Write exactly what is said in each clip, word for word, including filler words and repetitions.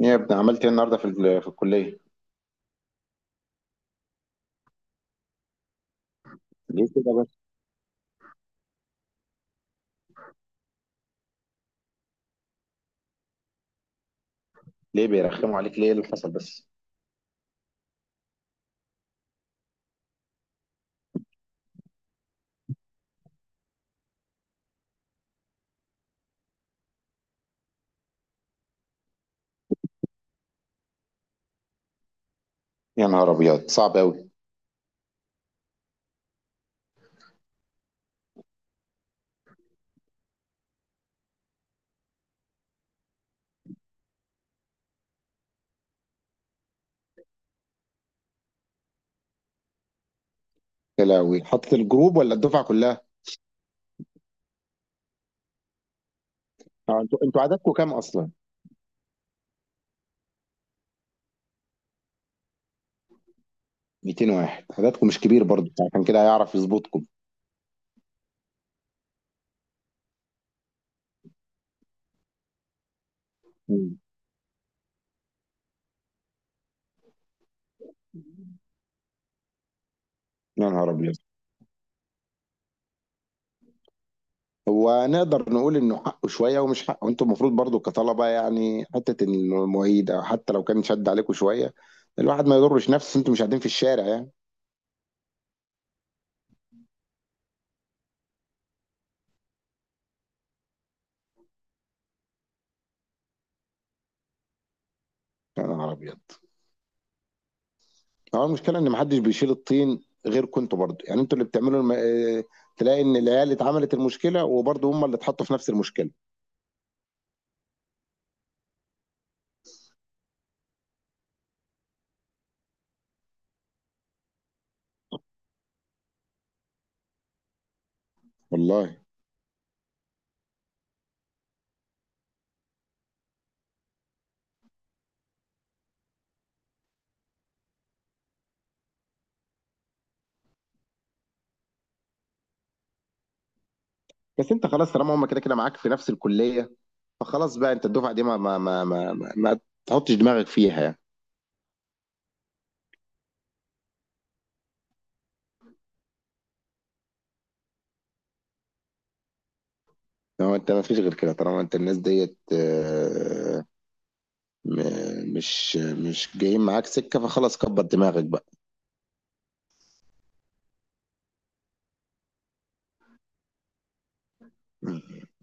ايه يا ابني عملت ايه النهارده في ال- في الكليه؟ ليه كده بس؟ ليه بيرخموا عليك ليه؟ إيه اللي حصل بس؟ يا نهار ابيض، صعب قوي. يا لهوي، حاطط الجروب ولا الدفعه كلها؟ آه، انتوا انتوا عددكم كام اصلا؟ ميتين واحد، عددكم مش كبير برضه، عشان كده هيعرف يظبطكم. مم. يا نهار ابيض. هو نقدر نقول انه حقه شويه ومش حقه. انتوا المفروض برضه كطلبه يعني، حته إن المعيد او حتى لو كان شد عليكم شويه، الواحد ما يضرش نفسه. انتوا مش قاعدين في الشارع يعني. يا نهار ابيض. هو المشكله ان محدش بيشيل الطين غيركم انتوا برضه، يعني انتوا اللي بتعملوا الم... آه، تلاقي ان العيال اللي اتعملت المشكله وبرضه هم اللي اتحطوا في نفس المشكله. والله. بس انت خلاص طالما هم كده كده معاك في نفس الكليه، فخلاص بقى انت الدفعه دي ما ما ما ما, ما, ما تحطش دماغك فيها يعني. هو انت ما فيش غير كده طالما انت الناس ديت، آه، م- مش مش جايين معاك سكه، فخلاص كبر دماغك بقى.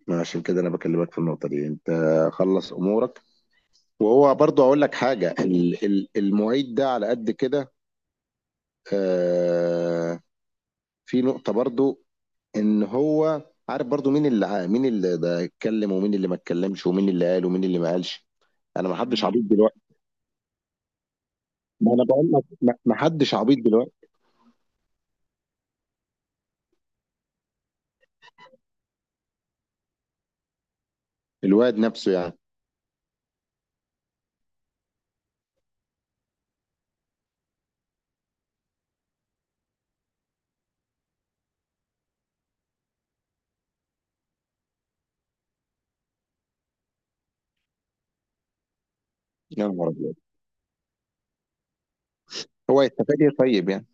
ما عشان كده انا بكلمك في النقطه دي. انت خلص امورك. وهو برضو اقول لك حاجه، ال- ال- المعيد ده على قد كده. آه، في نقطه برضو، ان هو عارف برضو مين اللي ع- مين اللي ده اتكلم ومين اللي ما اتكلمش ومين اللي قال ومين اللي ما قالش. انا، ما حدش مم. عبيط دلوقتي. ما انا بقول لك، ما ما حدش عبيط دلوقتي. الواد نفسه يعني. يا نهار ابيض. هو يستفاد ايه طيب يعني؟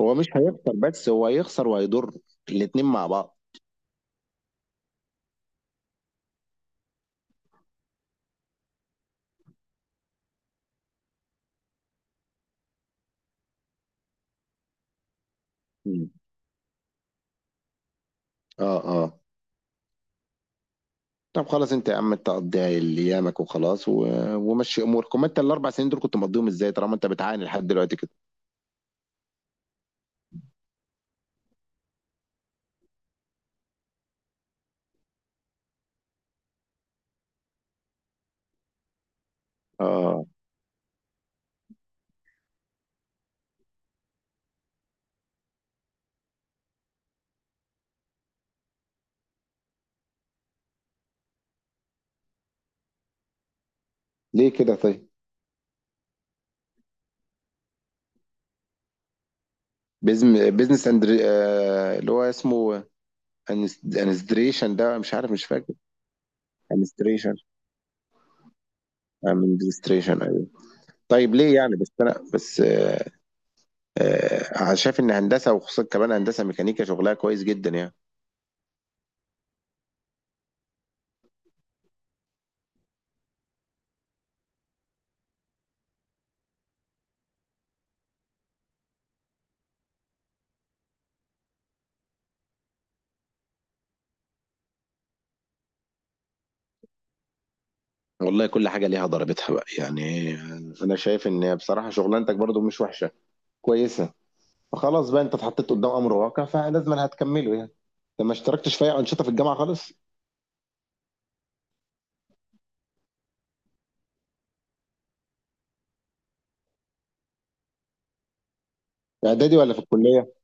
هو مش هيخسر، بس هو هيخسر وهيضر الاتنين مع بعض. مم. اه اه. طب خلاص، انت يا عم انت قضيها ايامك وخلاص و... ومشي امورك. وما انت الاربع سنين دول كنت مقضيهم ازاي طالما انت بتعاني لحد دلوقتي كده. اه. ليه كده طيب؟ بيزم... بيزنس اندر، آه... اللي هو اسمه أنس- انستريشن ده، مش عارف مش فاكر. انستريشن انستريشن، ايوه. طيب ليه يعني؟ بس انا بس آه... آه... أنا شايف ان هندسه، وخصوصا كمان هندسه ميكانيكا، شغلها كويس جدا يعني. والله، كل حاجه ليها ضربتها بقى يعني. انا شايف ان بصراحه شغلانتك برضو مش وحشه، كويسه. فخلاص بقى انت اتحطيت قدام امر واقع فلازم انا هتكمله يعني. انت ما اشتركتش في اي انشطه في الجامعه خالص؟ اعدادي ولا في الكليه؟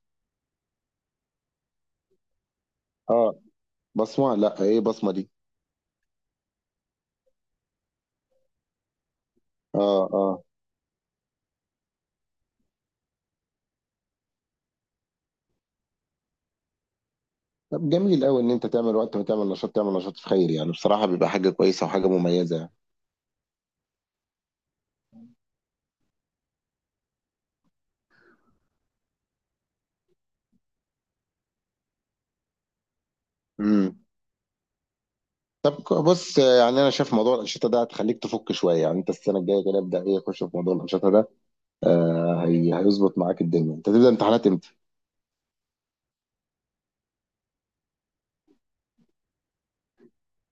اه. بصمه؟ لا، ايه بصمه دي؟ اه اه. طب جميل قوي ان انت تعمل وقت وتعمل نشاط، تعمل نشاط في خير يعني، بصراحه بيبقى حاجه كويسه وحاجه مميزه يعني. امم. طب ك- بص، آه، يعني انا شايف موضوع الانشطه ده هتخليك تفك شويه يعني. انت السنه الجايه كده ابدا ايه، خش في موضوع الانشطه ده. آه هي هيظبط معاك الدنيا. انت تبدا امتحانات امتى؟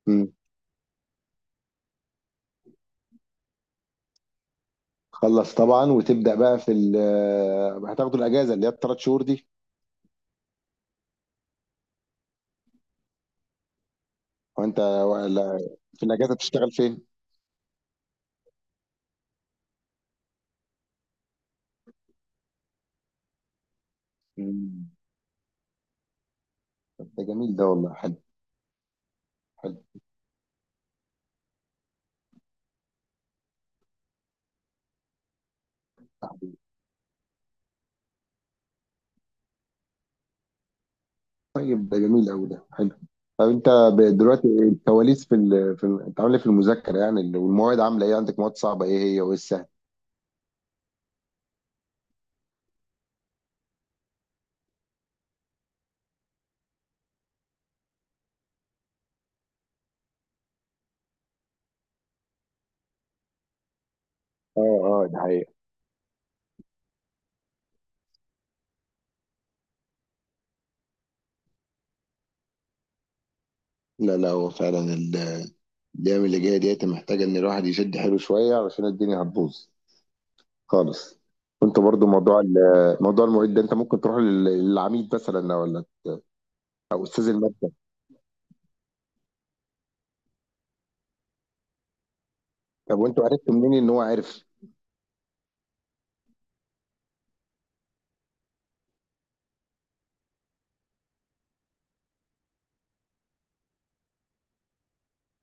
امم. خلص طبعا، وتبدا بقى في ال- آه، هتاخدوا الاجازه اللي هي الثلاث شهور دي. وانت ولا- في الاجازه بتشتغل فين؟ مم. طب ده جميل، ده والله حلو. حلو. طيب ده جميل قوي، ده حلو. طب انت، ب- دلوقتي، الكواليس في ال... في ال... انت عامل ايه في المذاكره يعني؟ ال- والمواد عامله ايه عندك؟ مواد صعبه ايه هي وايه السهل؟ اه اه، ده حقيقة. لا لا، هو فعلا ال- الايام اللي جايه ديت محتاجه ان الواحد يشد حيله شويه علشان الدنيا هتبوظ خالص. وانت برضو موضوع ال- موضوع المعيد ده، انت ممكن تروح لل- للعميد مثلا، ولا او استاذ الماده؟ طب وانتوا عرفتوا منين ان هو عارف؟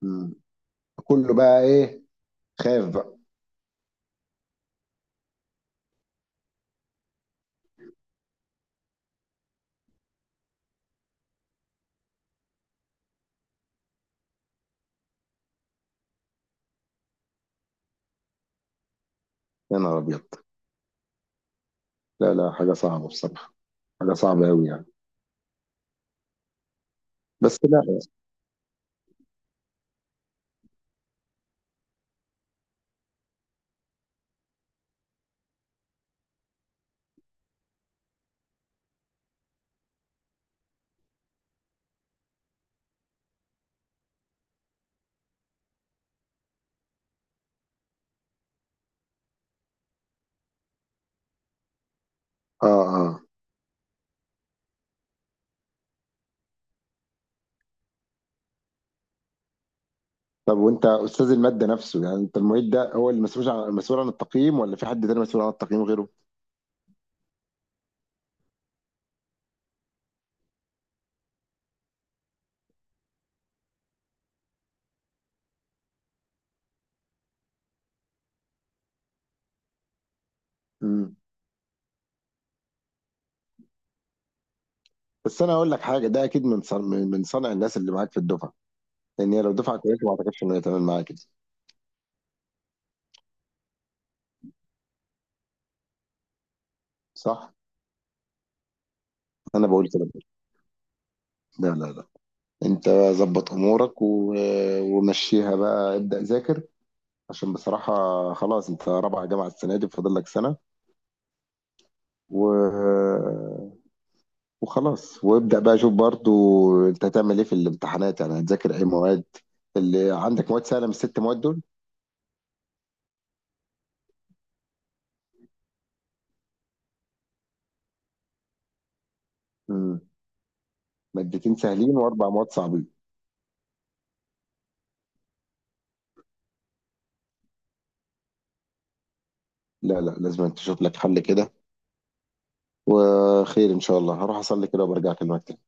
مم. كله بقى ايه، خاف بقى. يا نهار ابيض. لا لا، حاجه صعبه بصراحه. حاجه صعبه قوي يعني. بس لا. اه اه. طب وانت استاذ الماده نفسه يعني، انت المعيد ده هو اللي مسؤول عن مسؤول عن التقييم ولا في حد تاني مسؤول عن التقييم غيره؟ امم. بس انا اقول لك حاجه، ده اكيد من صنع من من صنع الناس اللي معاك في الدفعه، لان هي لو دفعه كويسه ما اعتقدش ان هي تعمل معاك كده. صح؟ انا بقول كده برضه. لا لا لا، انت ظبط امورك و... ومشيها بقى، ابدا ذاكر، عشان بصراحه خلاص انت رابعه جامعه السنه دي، فاضل لك سنه و... وخلاص، وابدأ بقى. شوف برضو انت هتعمل ايه في الامتحانات، يعني هتذاكر ايه مواد، اللي عندك مواد سهلة من الست مواد دول. مم. مادتين سهلين واربع مواد صعبين. لا لا، لازم تشوف لك حل كده. وخير ان شاء الله، هروح اصلي كده وبرجع اكلمك تاني.